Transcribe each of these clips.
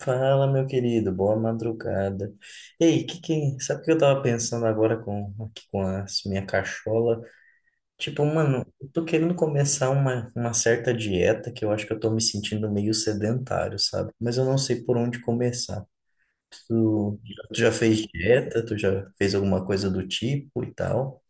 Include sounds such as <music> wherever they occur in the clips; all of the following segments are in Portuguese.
Fala, meu querido, boa madrugada. Ei, que, sabe o que eu tava pensando agora com aqui com a minha cachola? Tipo, mano, eu tô querendo começar uma certa dieta que eu acho que eu tô me sentindo meio sedentário, sabe? Mas eu não sei por onde começar. Tu, tu já fez dieta? Tu já fez alguma coisa do tipo e tal?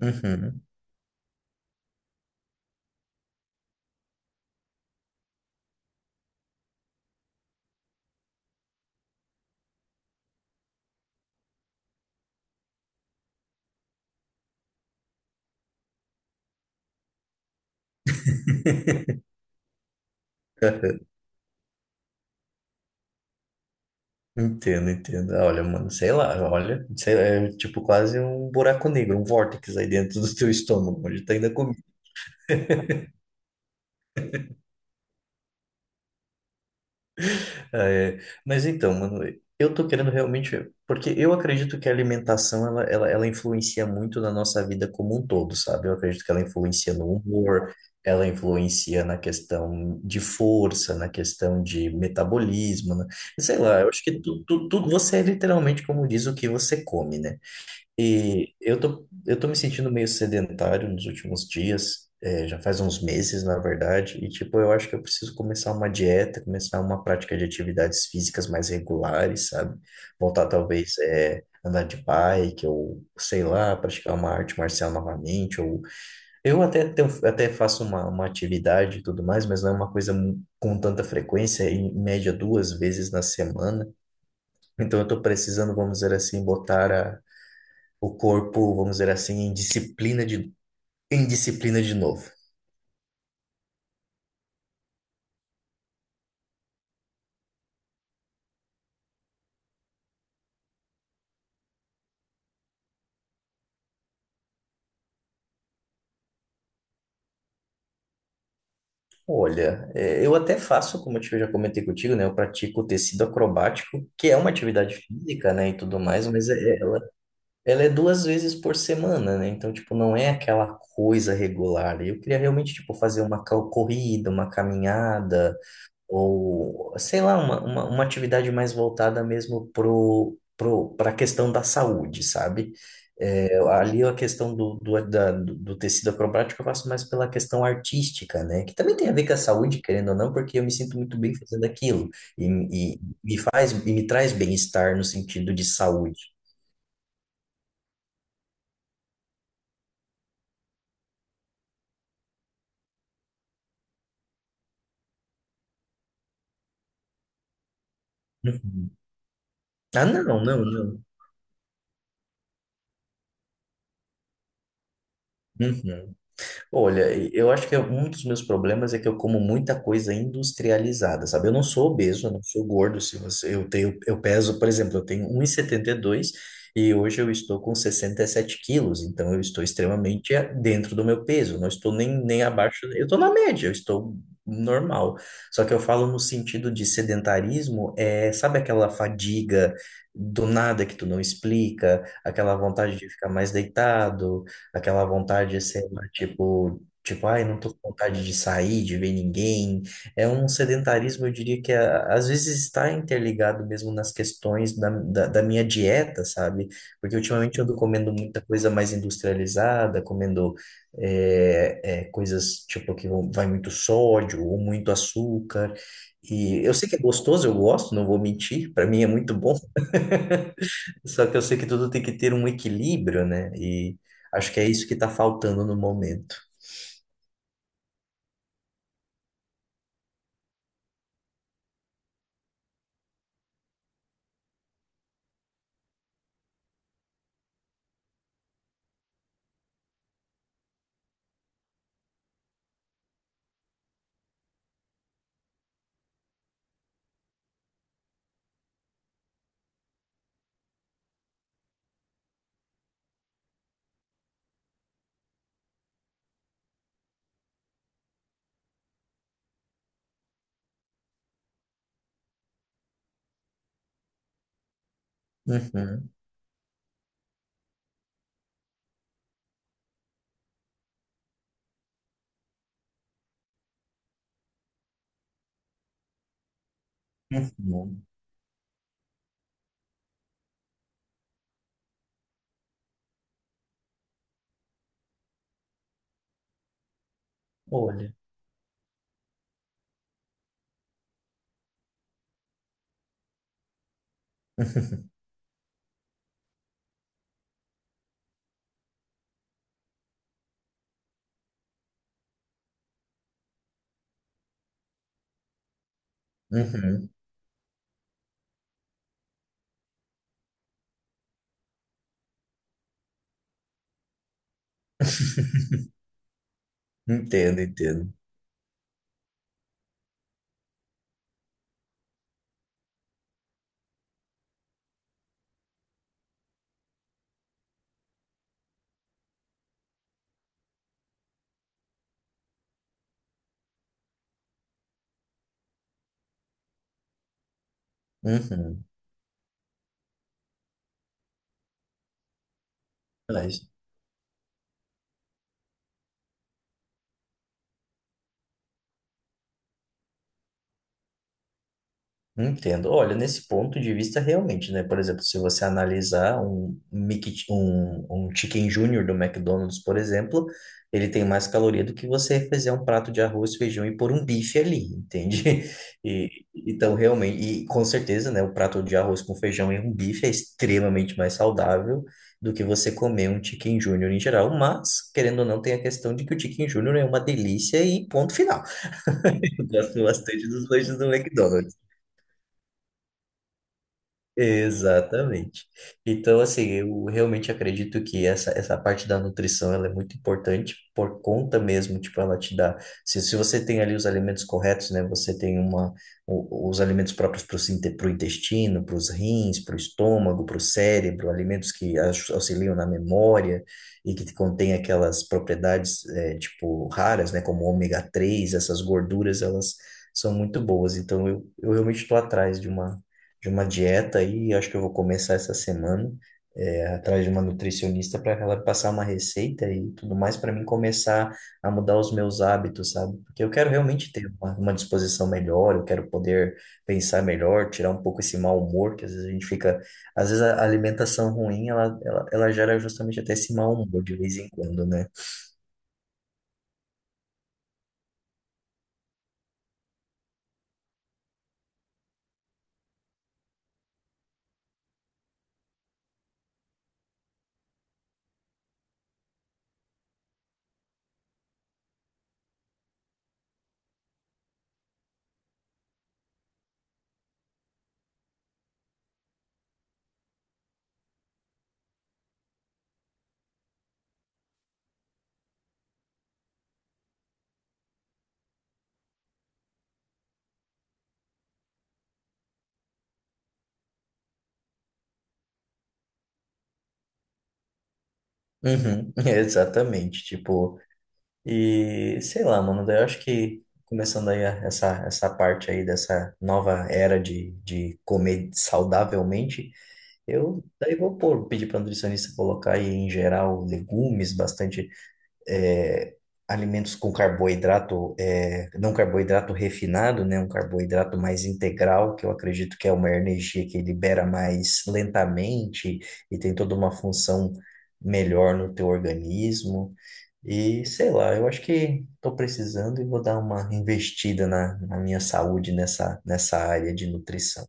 Uhum. <laughs> Entendo, entendo. Ah, olha, mano, sei lá, olha, sei lá, é tipo quase um buraco negro, um vórtice aí dentro do teu estômago, onde tá ainda comida. Ah, é. Mas então, mano, eu tô querendo realmente, porque eu acredito que a alimentação ela influencia muito na nossa vida como um todo, sabe? Eu acredito que ela influencia no humor, ela influencia na questão de força, na questão de metabolismo, né? Sei lá, eu acho que você é literalmente como diz o que você come, né? E eu tô me sentindo meio sedentário nos últimos dias, é, já faz uns meses, na verdade, e tipo, eu acho que eu preciso começar uma dieta, começar uma prática de atividades físicas mais regulares, sabe? Voltar talvez é, andar de bike, ou sei lá, praticar uma arte marcial novamente, ou eu até, até faço uma atividade e tudo mais, mas não é uma coisa com tanta frequência, em média duas vezes na semana. Então eu tô precisando, vamos dizer assim, botar a o corpo, vamos dizer assim, em disciplina de novo. Olha, é, eu até faço, como eu já comentei contigo, né? Eu pratico tecido acrobático, que é uma atividade física, né, e tudo mais, ela é duas vezes por semana, né? Então, tipo, não é aquela coisa regular. Eu queria realmente, tipo, fazer corrida, uma caminhada, ou sei lá, uma atividade mais voltada mesmo para a questão da saúde, sabe? É, ali a questão do, do, da- do do tecido acrobático eu faço mais pela questão artística, né? Que também tem a ver com a saúde, querendo ou não, porque eu me sinto muito bem fazendo aquilo e, e me faz e me traz bem-estar no sentido de saúde. Uhum. Ah, não, não, não. Uhum. Olha, eu acho que é um dos meus problemas é que eu como muita coisa industrializada, sabe? Eu não sou obeso, eu não sou gordo. Se você, eu tenho, eu peso, por exemplo, eu tenho um e setenta e dois e hoje eu estou com 67 quilos, então eu estou extremamente dentro do meu peso. Não estou nem abaixo, eu estou na média, eu estou normal. Só que eu falo no sentido de sedentarismo, é, sabe aquela fadiga do nada que tu não explica, aquela vontade de ficar mais deitado. Aquela vontade, sei lá, tipo, ai, não tô com vontade de sair, de ver ninguém. É um sedentarismo, eu diria que às vezes está interligado mesmo nas questões da minha dieta, sabe? Porque ultimamente eu ando comendo muita coisa mais industrializada, comendo coisas tipo vai muito sódio ou muito açúcar. E eu sei que é gostoso, eu gosto, não vou mentir, para mim é muito bom. Só que eu sei que tudo tem que ter um equilíbrio, né? E acho que é isso que tá faltando no momento. Uhum, uhum. Olha. <laughs> Uhum. <laughs> Entendo, entendo. Uhum. Mas, Entendo. Olha, nesse ponto de vista, realmente, né? Por exemplo, se você analisar um Chicken Junior do McDonald's, por exemplo, ele tem mais caloria do que você fazer um prato de arroz, feijão e pôr um bife ali, entende? <laughs> E, então, realmente, e com certeza, né? O prato de arroz com feijão e um bife é extremamente mais saudável do que você comer um Chicken Junior em geral, mas, querendo ou não, tem a questão de que o Chicken Junior é uma delícia e ponto final. <laughs> Eu gosto bastante dos lanches do McDonald's. Exatamente. Então, assim, eu realmente acredito que essa parte da nutrição ela é muito importante por conta mesmo, tipo, ela te dá. Se você tem ali os alimentos corretos, né? Você tem os alimentos próprios para o intestino, para os rins, para o estômago, para o cérebro, alimentos que auxiliam na memória e que contém aquelas propriedades, é, tipo, raras, né? Como ômega 3 essas gorduras, elas são muito boas. Então, eu realmente estou atrás de uma dieta aí, acho que eu vou começar essa semana, é, atrás de uma nutricionista para ela passar uma receita e tudo mais para mim começar a mudar os meus hábitos, sabe? Porque eu quero realmente ter uma disposição melhor, eu quero poder pensar melhor, tirar um pouco esse mau humor que às vezes a gente fica, às vezes a alimentação ruim, ela gera justamente até esse mau humor de vez em quando, né? Uhum, <laughs> exatamente, tipo. E sei lá, mano, daí eu acho que começando aí essa parte aí dessa nova era de comer saudavelmente, eu daí vou pôr, pedir para nutricionista colocar aí em geral legumes, bastante é, alimentos com carboidrato, não carboidrato refinado, né, um carboidrato mais integral, que eu acredito que é uma energia que libera mais lentamente e tem toda uma função melhor no teu organismo. E sei lá, eu acho que estou precisando e vou dar uma investida na minha saúde nessa área de nutrição.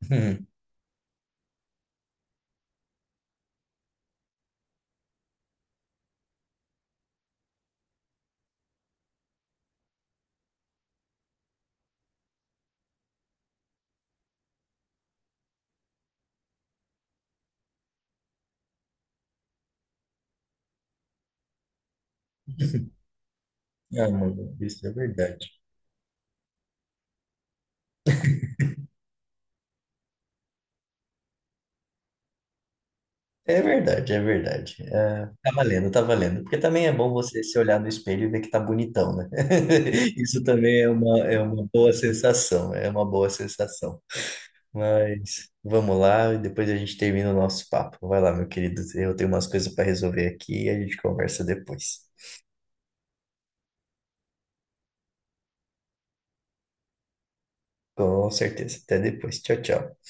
<laughs> Hum. Ah, mano, isso é verdade. É verdade, é verdade. É, tá valendo, tá valendo. Porque também é bom você se olhar no espelho e ver que tá bonitão, né? <laughs> Isso também é é uma boa sensação, é uma boa sensação. Mas vamos lá, e depois a gente termina o nosso papo. Vai lá, meu querido. Eu tenho umas coisas para resolver aqui e a gente conversa depois. Com certeza. Até depois. Tchau, tchau.